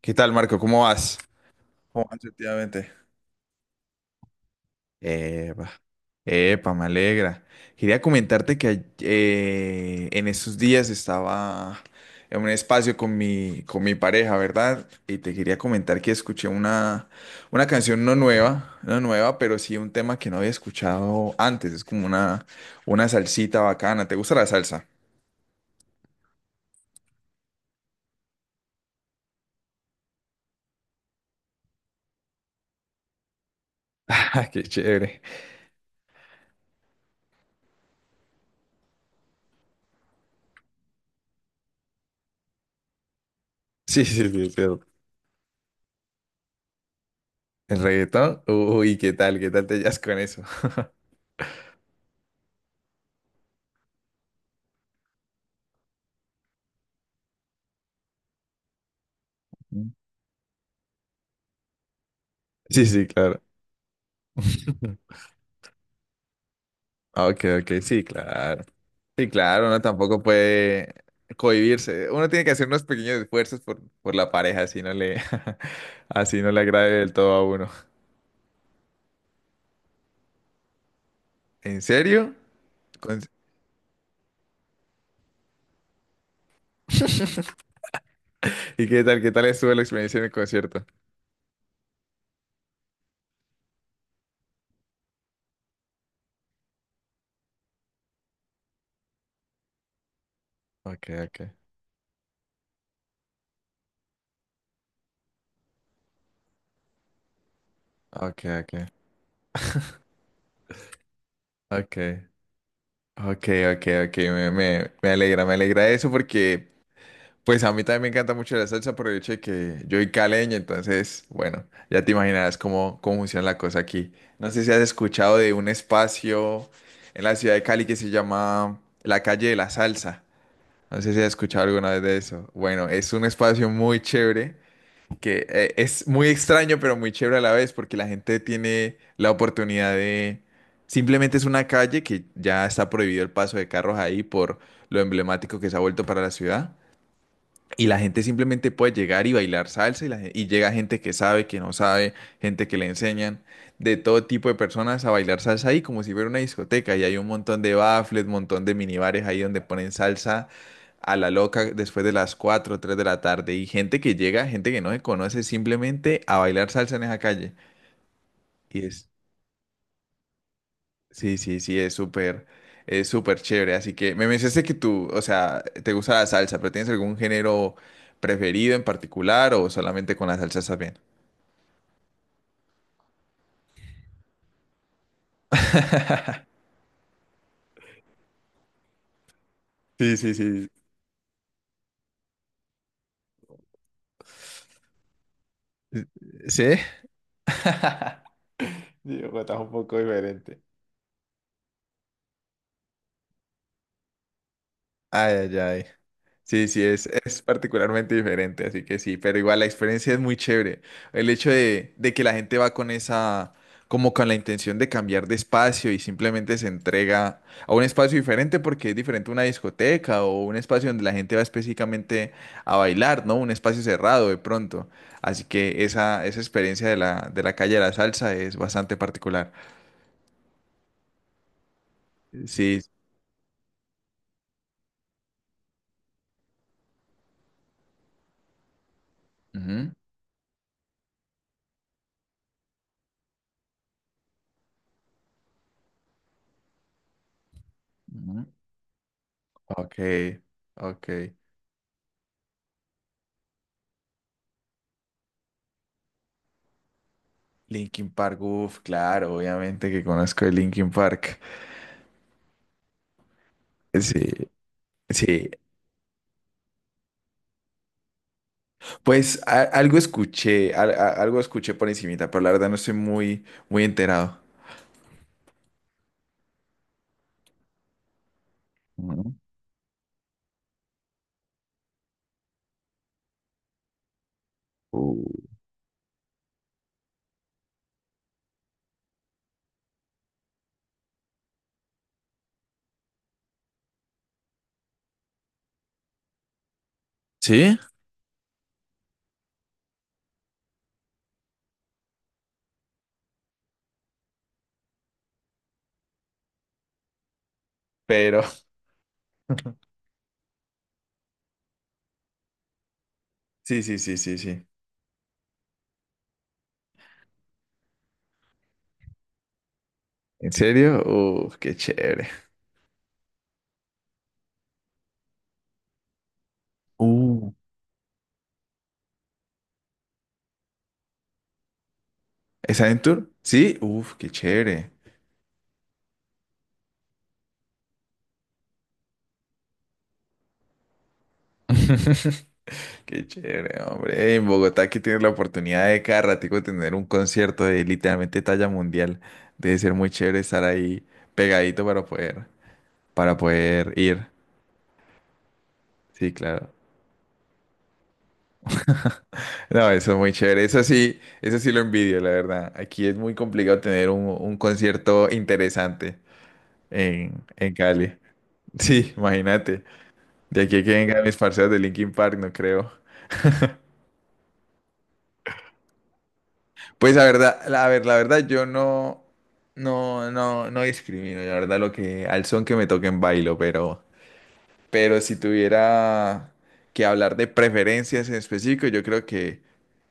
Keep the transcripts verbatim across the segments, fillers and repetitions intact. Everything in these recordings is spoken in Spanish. ¿Qué tal, Marco? ¿Cómo vas? ¿Cómo vas últimamente? Epa, epa, me alegra. Quería comentarte que ay- eh, en esos días estaba en un espacio con mi, con mi pareja, ¿verdad? Y te quería comentar que escuché una, una canción no nueva, no nueva, pero sí un tema que no había escuchado antes. Es como una, una salsita bacana. ¿Te gusta la salsa? Ah, qué chévere. Sí, sí, sí, pero el reggaetón. Uy, ¿qué tal? ¿Qué tal te hallas con eso? Sí, sí, claro. Ah, ok, ok, sí, claro. Sí, claro, uno tampoco puede cohibirse. Uno tiene que hacer unos pequeños esfuerzos por, por la pareja, así no le, así no le agrade del todo a uno. ¿En serio? Con- ¿Y qué tal, qué tal estuvo la experiencia en el concierto? Ok, ok, ok, ok, ok, ok, ok, ok, me, me, me alegra, me alegra eso porque pues a mí también me encanta mucho la salsa por el hecho de que yo soy caleño, entonces, bueno, ya te imaginarás cómo, cómo funciona la cosa aquí. No sé si has escuchado de un espacio en la ciudad de Cali que se llama la calle de la salsa. No sé si has escuchado alguna vez de eso. Bueno, es un espacio muy chévere, que eh, es muy extraño, pero muy chévere a la vez, porque la gente tiene la oportunidad de... Simplemente es una calle que ya está prohibido el paso de carros ahí por lo emblemático que se ha vuelto para la ciudad. Y la gente simplemente puede llegar y bailar salsa y, la gen- y llega gente que sabe, que no sabe, gente que le enseñan, de todo tipo de personas a bailar salsa ahí como si fuera una discoteca. Y hay un montón de baffles, montón de minibares ahí donde ponen salsa a la loca después de las cuatro o tres de la tarde. Y gente que llega, gente que no se conoce, simplemente a bailar salsa en esa calle. Y es, Sí, sí, sí, es súper, es súper chévere. Así que me mencionaste que tú, o sea, te gusta la salsa, pero ¿tienes algún género preferido en particular o solamente con la salsa estás bien? Sí, sí, sí. ¿Sí? Digo, estás un poco diferente. Ay, ay, ay. Sí, sí, es, es particularmente diferente, así que sí, pero igual la experiencia es muy chévere. El hecho de, de que la gente va con esa, como con la intención de cambiar de espacio y simplemente se entrega a un espacio diferente porque es diferente a una discoteca o un espacio donde la gente va específicamente a bailar, ¿no? Un espacio cerrado de pronto. Así que esa, esa experiencia de la, de la, calle de la salsa es bastante particular. Sí. Ujú, ujú. Ok, ok. Linkin Park, uff, claro, obviamente que conozco de Linkin Park. Sí, sí. Pues a- algo escuché, al- a- algo escuché por encimita, pero la verdad no estoy muy, muy enterado. Ujú. Uh. ¿Sí? Pero sí, sí, sí, sí, sí. ¿En serio? Uff, qué chévere. Uh. ¿Es Adventure? Sí, uff, qué chévere. Qué chévere, hombre. En Bogotá que tienes la oportunidad de cada ratico tener un concierto de literalmente talla mundial. Debe ser muy chévere estar ahí pegadito para poder, para poder ir. Sí, claro. No, eso es muy chévere. Eso sí, eso sí lo envidio, la verdad. Aquí es muy complicado tener un, un concierto interesante en, en Cali. Sí, imagínate. De aquí a que vengan mis parceros de Linkin Park, no creo. Pues la verdad, la, a ver, la verdad yo no, no, no, no discrimino, la verdad lo que, al son que me toquen bailo, pero, pero si tuviera que hablar de preferencias en específico, yo creo que,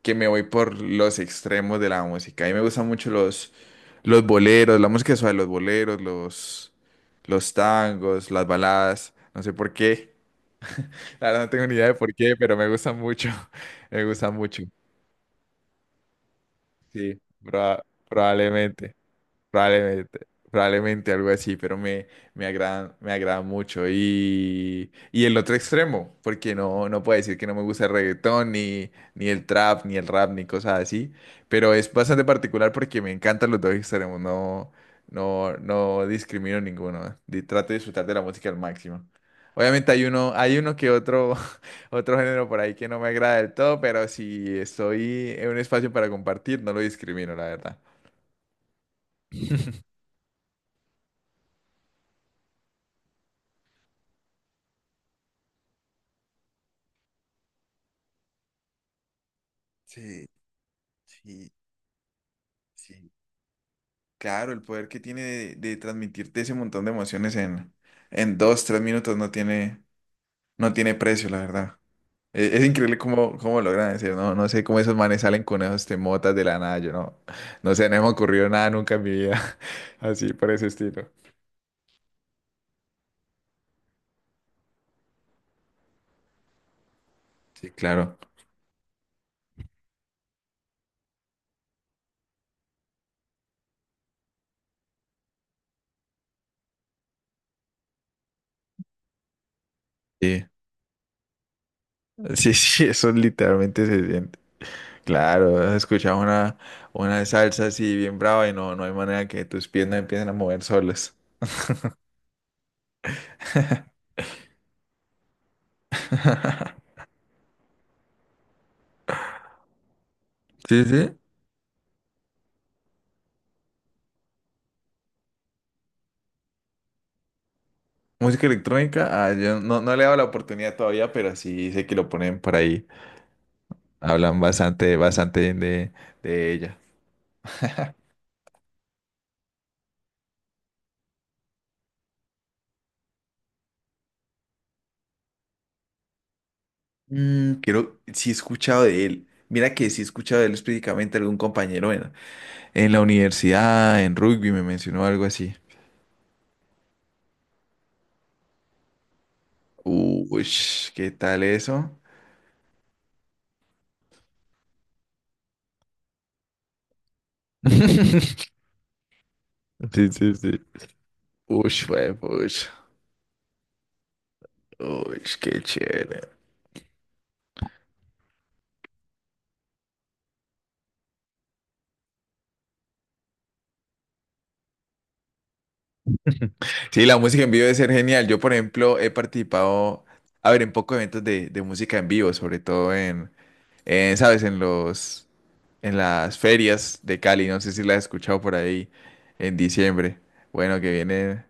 que me voy por los extremos de la música. A mí me gustan mucho los, los boleros, la música suave, los boleros, los, los tangos, las baladas, no sé por qué, la verdad no tengo ni idea de por qué, pero me gustan mucho, me gustan mucho, sí, proba- probablemente. Probablemente, probablemente algo así, pero me, me agradan, me agradan mucho. Y, y el otro extremo, porque no, no puedo decir que no me gusta el reggaetón, ni, ni el trap, ni el rap, ni cosas así, pero es bastante particular porque me encantan los dos extremos, no, no, no discrimino ninguno. Di- trato de disfrutar de la música al máximo. Obviamente hay uno, hay uno que otro, otro género por ahí que no me agrada del todo, pero si estoy en un espacio para compartir, no lo discrimino, la verdad. Sí, sí, sí, claro, el poder que tiene de, de transmitirte ese montón de emociones en, en dos, tres minutos no tiene, no tiene, precio, la verdad. E- Es increíble cómo, cómo logran decir, no, no sé cómo esos manes salen con esos temotas de la nada, yo no, no sé, no me ha ocurrido nada nunca en mi vida, así por ese estilo. Sí, claro. Sí, sí, sí, eso literalmente se siente. Claro, has escuchado una, una salsa así bien brava y no, no hay manera que tus piernas empiecen a mover solas. Sí, sí. Música electrónica, ah, yo no, no le he dado la oportunidad todavía, pero sí sé que lo ponen por ahí. Hablan bastante, bastante bien de, de ella. Mm, creo, sí he escuchado de él. Mira que sí he escuchado de él específicamente algún compañero en, en la universidad, en rugby, me mencionó algo así. Uy, ¿qué tal eso? Sí, sí, sí. Uy, pues, uy, qué chévere. Sí, la música en vivo debe ser genial. Yo, por ejemplo, he participado, a ver, en pocos eventos de, de música en vivo, sobre todo en, en, ¿sabes? En los, en las ferias de Cali. No sé si la has escuchado por ahí en diciembre. Bueno, que vienen,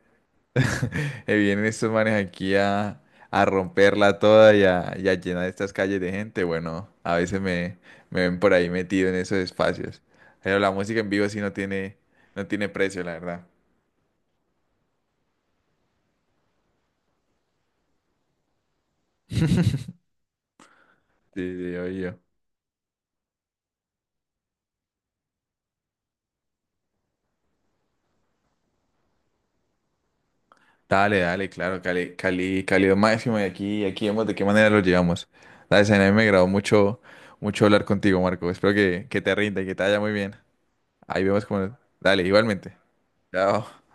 que vienen estos manes aquí a, a romperla toda y a, y a, llenar estas calles de gente. Bueno, a veces me, me ven por ahí metido en esos espacios. Pero la música en vivo sí no tiene, no tiene, precio, la verdad. Sí, sí, oye. Dale, dale, claro, Cali, Cali, calidad máxima y aquí, aquí vemos de qué manera lo llevamos. Dale, Zaina, a mí me agradó mucho, mucho hablar contigo, Marco. Espero que, que te rinda y que te vaya muy bien. Ahí vemos cómo. Dale, igualmente. Chao.